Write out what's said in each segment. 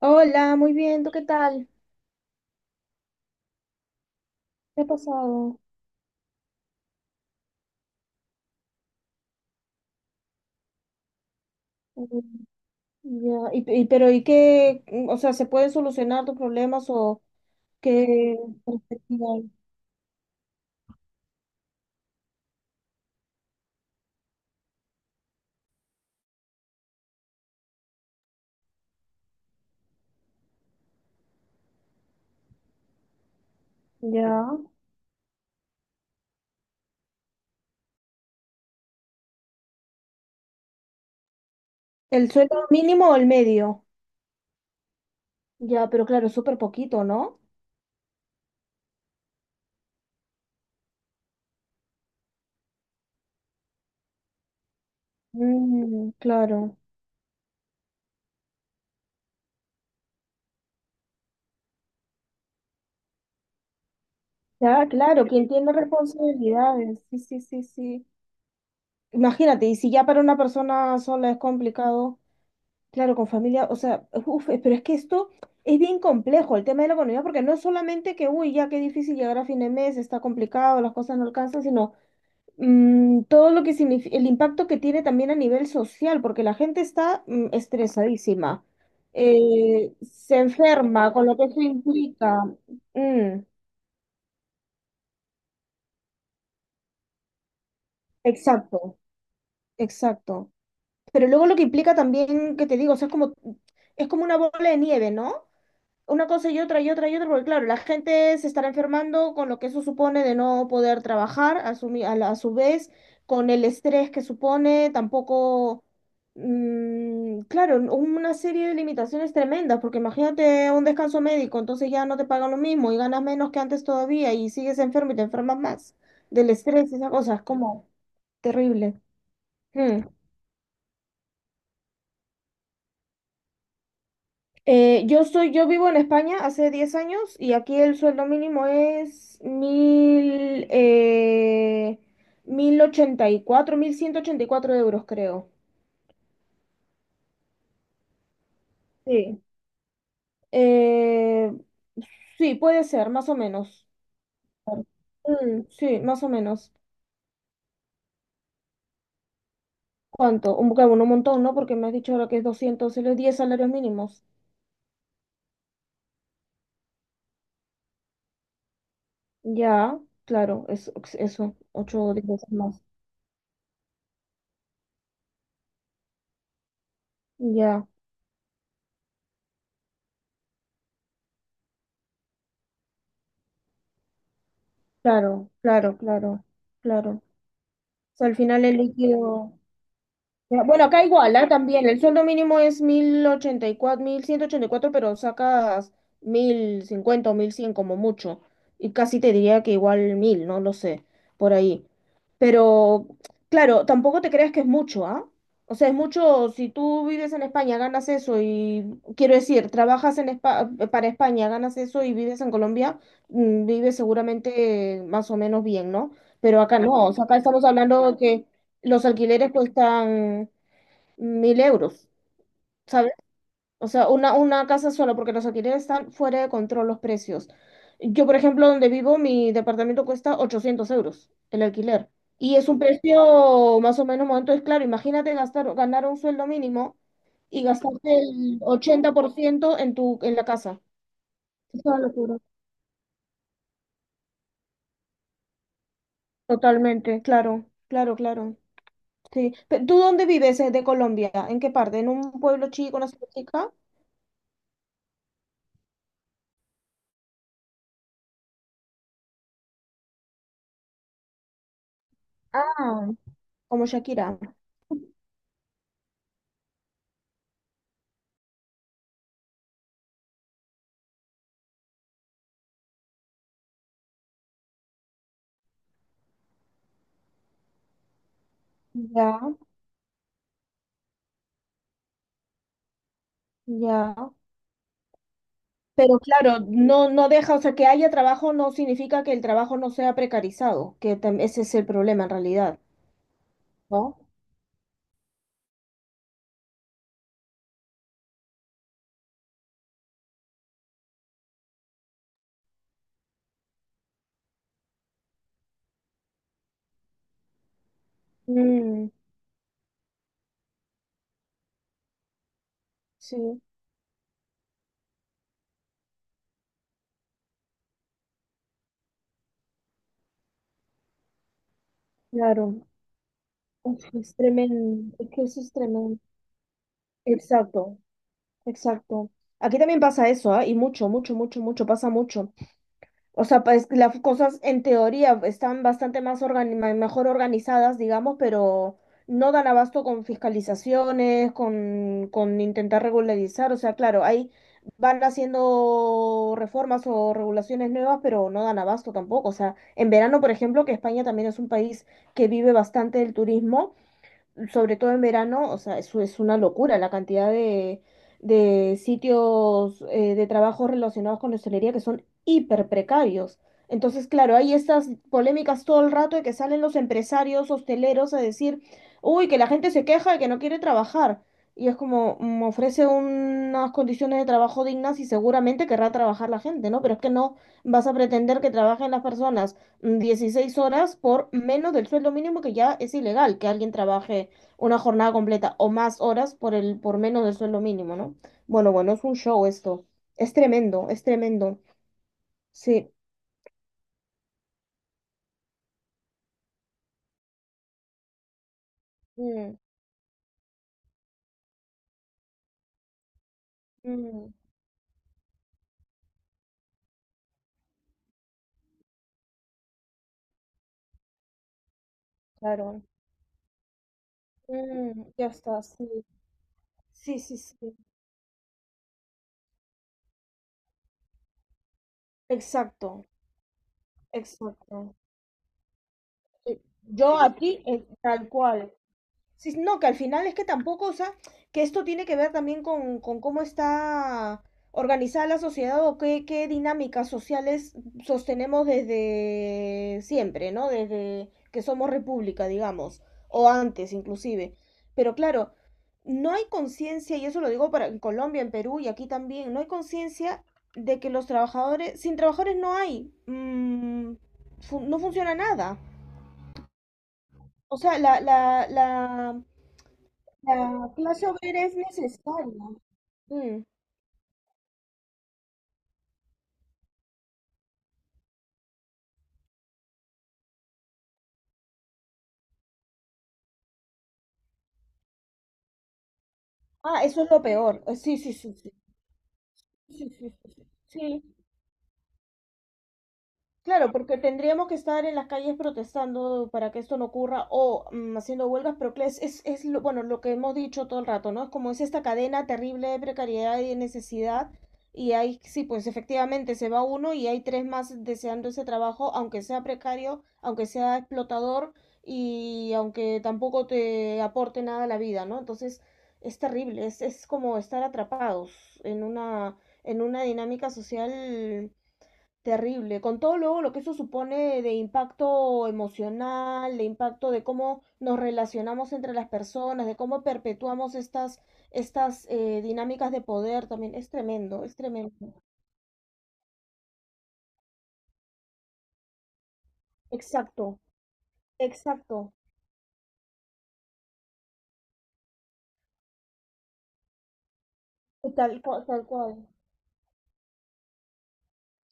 Hola, muy bien, ¿tú qué tal? ¿Qué ha pasado? Mm, ya, pero ¿y qué? O sea, ¿se pueden solucionar tus problemas o qué perspectiva hay? Ya. ¿El sueldo mínimo o el medio? Ya, pero claro, es súper poquito, ¿no? Mm, claro. Ya, claro, quien tiene responsabilidades. Sí, sí, sí, sí. Imagínate, y si ya para una persona sola es complicado. Claro, con familia, o sea, uf, pero es que esto es bien complejo, el tema de la economía, porque no es solamente que, uy, ya qué difícil llegar a fin de mes, está complicado, las cosas no alcanzan, sino todo lo que significa, el impacto que tiene también a nivel social, porque la gente está estresadísima, se enferma, con lo que eso implica. Mm, exacto, exacto. Pero luego lo que implica también, que te digo, o sea, es como una bola de nieve, ¿no? Una cosa y otra y otra y otra, porque claro, la gente se estará enfermando con lo que eso supone de no poder trabajar, a su, mi- a la- a su vez, con el estrés que supone, tampoco, mm, claro, una serie de limitaciones tremendas, porque imagínate un descanso médico, entonces ya no te pagan lo mismo y ganas menos que antes todavía y sigues enfermo y te enfermas más del estrés y esas cosas, como terrible. Mm. Yo vivo en España hace 10 años y aquí el sueldo mínimo es 1.184 euros, creo. Sí. Eh, sí, puede ser, más o menos. Claro. Mm, sí, más o menos. ¿Cuánto? Un montón, ¿no? Porque me has dicho ahora que es 200 solo es 10 salarios mínimos. Ya, claro, es, eso, 8 o 10 veces más. Ya, claro, claro, claro, claro. O sea, al final el líquido... Ya, bueno, acá igual, ¿ah? También el sueldo mínimo es mil ciento ochenta y cuatro, pero sacas 1.050 o 1.100 como mucho. Y casi te diría que igual 1.000, no lo sé, por ahí. Pero, claro, tampoco te creas que es mucho, ¿ah? O sea, es mucho, si tú vives en España, ganas eso y, quiero decir, trabajas para España, ganas eso y vives en Colombia, vives seguramente más o menos bien, ¿no? Pero acá no, o sea, acá estamos hablando de que los alquileres cuestan 1.000 euros, ¿sabes? O sea, una casa sola, porque los alquileres están fuera de control los precios. Yo, por ejemplo, donde vivo, mi departamento cuesta 800 euros el alquiler. Y es un precio más o menos, entonces, claro, imagínate gastar, ganar un sueldo mínimo y gastarte el 80% en la casa. Es una locura. Totalmente, claro, claro, claro. Sí. ¿Tú dónde vives, de Colombia? ¿En qué parte? ¿En un pueblo chico, una ciudad chica? Ah, como Shakira. Ya, ya. Pero claro, no deja, o sea, que haya trabajo no significa que el trabajo no sea precarizado, ese es el problema en realidad, ¿no? Mm, sí, claro. Uf, es tremendo. Es que eso es tremendo. Exacto, exacto. Aquí también pasa eso, ¿ah? Y mucho, mucho, mucho, mucho, pasa mucho. O sea, pues las cosas en teoría están bastante más mejor organizadas, digamos, pero no dan abasto con fiscalizaciones, con intentar regularizar. O sea, claro, ahí van haciendo reformas o regulaciones nuevas, pero no dan abasto tampoco. O sea, en verano, por ejemplo, que España también es un país que vive bastante del turismo, sobre todo en verano, o sea, eso es una locura la cantidad de, sitios, de trabajo relacionados con la hostelería, que son hiper precarios. Entonces, claro, hay estas polémicas todo el rato de que salen los empresarios hosteleros a decir, uy, que la gente se queja de que no quiere trabajar. Y es como, ofrece unas condiciones de trabajo dignas y seguramente querrá trabajar la gente, ¿no? Pero es que no vas a pretender que trabajen las personas 16 horas por menos del sueldo mínimo, que ya es ilegal que alguien trabaje una jornada completa o más horas por menos del sueldo mínimo, ¿no? Bueno, bueno, es un show esto. Es tremendo, es tremendo. Sí. Mm, mm, claro. Mm, ya está, sí. Sí, sí, sí. Exacto, exacto. Sí, yo aquí, tal cual. Sí, no, que al final es que tampoco, o sea, que esto tiene que ver también con cómo está organizada la sociedad o qué dinámicas sociales sostenemos desde siempre, ¿no? Desde que somos república, digamos, o antes inclusive. Pero claro, no hay conciencia, y eso lo digo para en Colombia, en Perú y aquí también, no hay conciencia de que los trabajadores, sin trabajadores no hay, no funciona nada. O sea, la clase obrera es necesaria. Mm. Ah, eso es lo peor. Sí, sí, sí, sí. Sí, sí, sí, sí. Sí, claro, porque tendríamos que estar en las calles protestando para que esto no ocurra o haciendo huelgas, pero que es, es lo, bueno, lo que hemos dicho todo el rato, ¿no? Es como es esta cadena terrible de precariedad y de necesidad, y ahí sí, pues efectivamente se va uno y hay tres más deseando ese trabajo, aunque sea precario, aunque sea explotador y aunque tampoco te aporte nada a la vida, ¿no? Entonces es terrible, es como estar atrapados en una, en una, dinámica social terrible, con todo luego lo que eso supone de impacto emocional, de impacto de cómo nos relacionamos entre las personas, de cómo perpetuamos estas, dinámicas de poder también. Es tremendo, es tremendo. Exacto, exacto, tal cual, tal cual,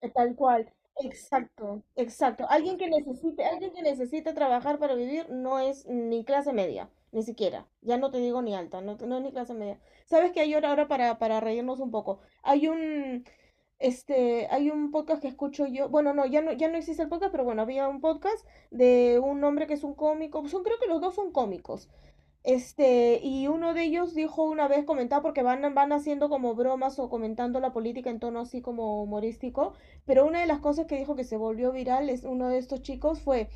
tal cual, exacto, exacto. Alguien que necesite trabajar para vivir no es ni clase media, ni siquiera. Ya no te digo ni alta, no, es ni clase media. ¿Sabes qué hay ahora para reírnos un poco? Hay un podcast que escucho yo, bueno, no, ya no existe el podcast, pero bueno, había un podcast de un hombre que es un cómico, creo que los dos son cómicos, y uno de ellos dijo una vez, comentaba, porque van haciendo como bromas o comentando la política en tono así como humorístico, pero una de las cosas que dijo que se volvió viral, es uno de estos chicos, fue,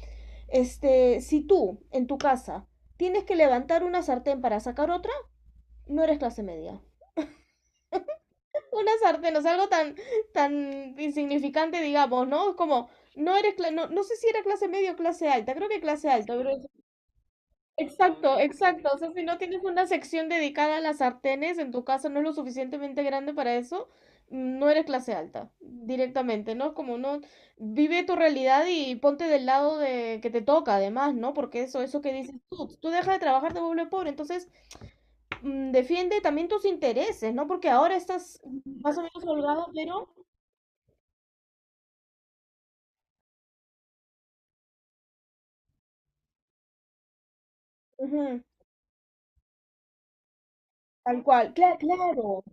si tú, en tu casa, tienes que levantar una sartén para sacar otra, no eres clase media. Una sartén, o sea, algo tan, tan insignificante, digamos, ¿no? Es como, no sé si era clase media o clase alta, creo que clase alta. Exacto, exacto. O sea, si no tienes una sección dedicada a las sartenes, en tu casa no es lo suficientemente grande para eso, no eres clase alta, directamente, ¿no? Es como no, vive tu realidad y ponte del lado de que te toca, además, ¿no? Porque eso que dices tú, tú dejas de trabajar, te vuelves pobre, entonces defiende también tus intereses, ¿no? Porque ahora estás más o menos holgado, pero ujú, tal cual, claro, claro,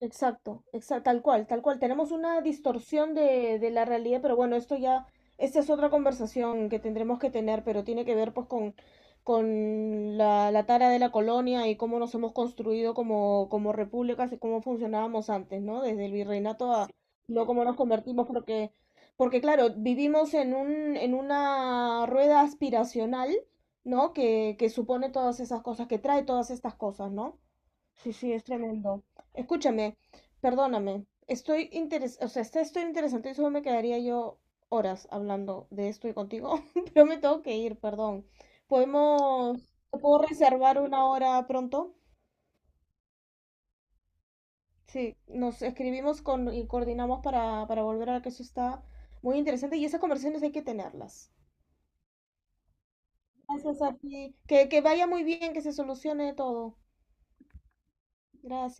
exacto, exacto, tal cual, tal cual. Tenemos una distorsión de la realidad, pero bueno, esto ya, esta es otra conversación que tendremos que tener, pero tiene que ver pues con la tara de la colonia y cómo nos hemos construido como repúblicas y cómo funcionábamos antes, ¿no? Desde el virreinato a luego cómo nos convertimos, porque claro, vivimos en una rueda aspiracional, ¿no? Que supone todas esas cosas, que trae todas estas cosas, ¿no? Sí, sí, es tremendo. Escúchame, perdóname. O sea, está estoy interesante y solo me quedaría yo horas hablando de esto y contigo, pero me tengo que ir, perdón. ¿Te puedo reservar una hora pronto? Sí, nos escribimos y coordinamos para volver a ver que eso está muy interesante y esas conversaciones hay que tenerlas. Gracias a ti. Que vaya muy bien, que se solucione todo. Gracias.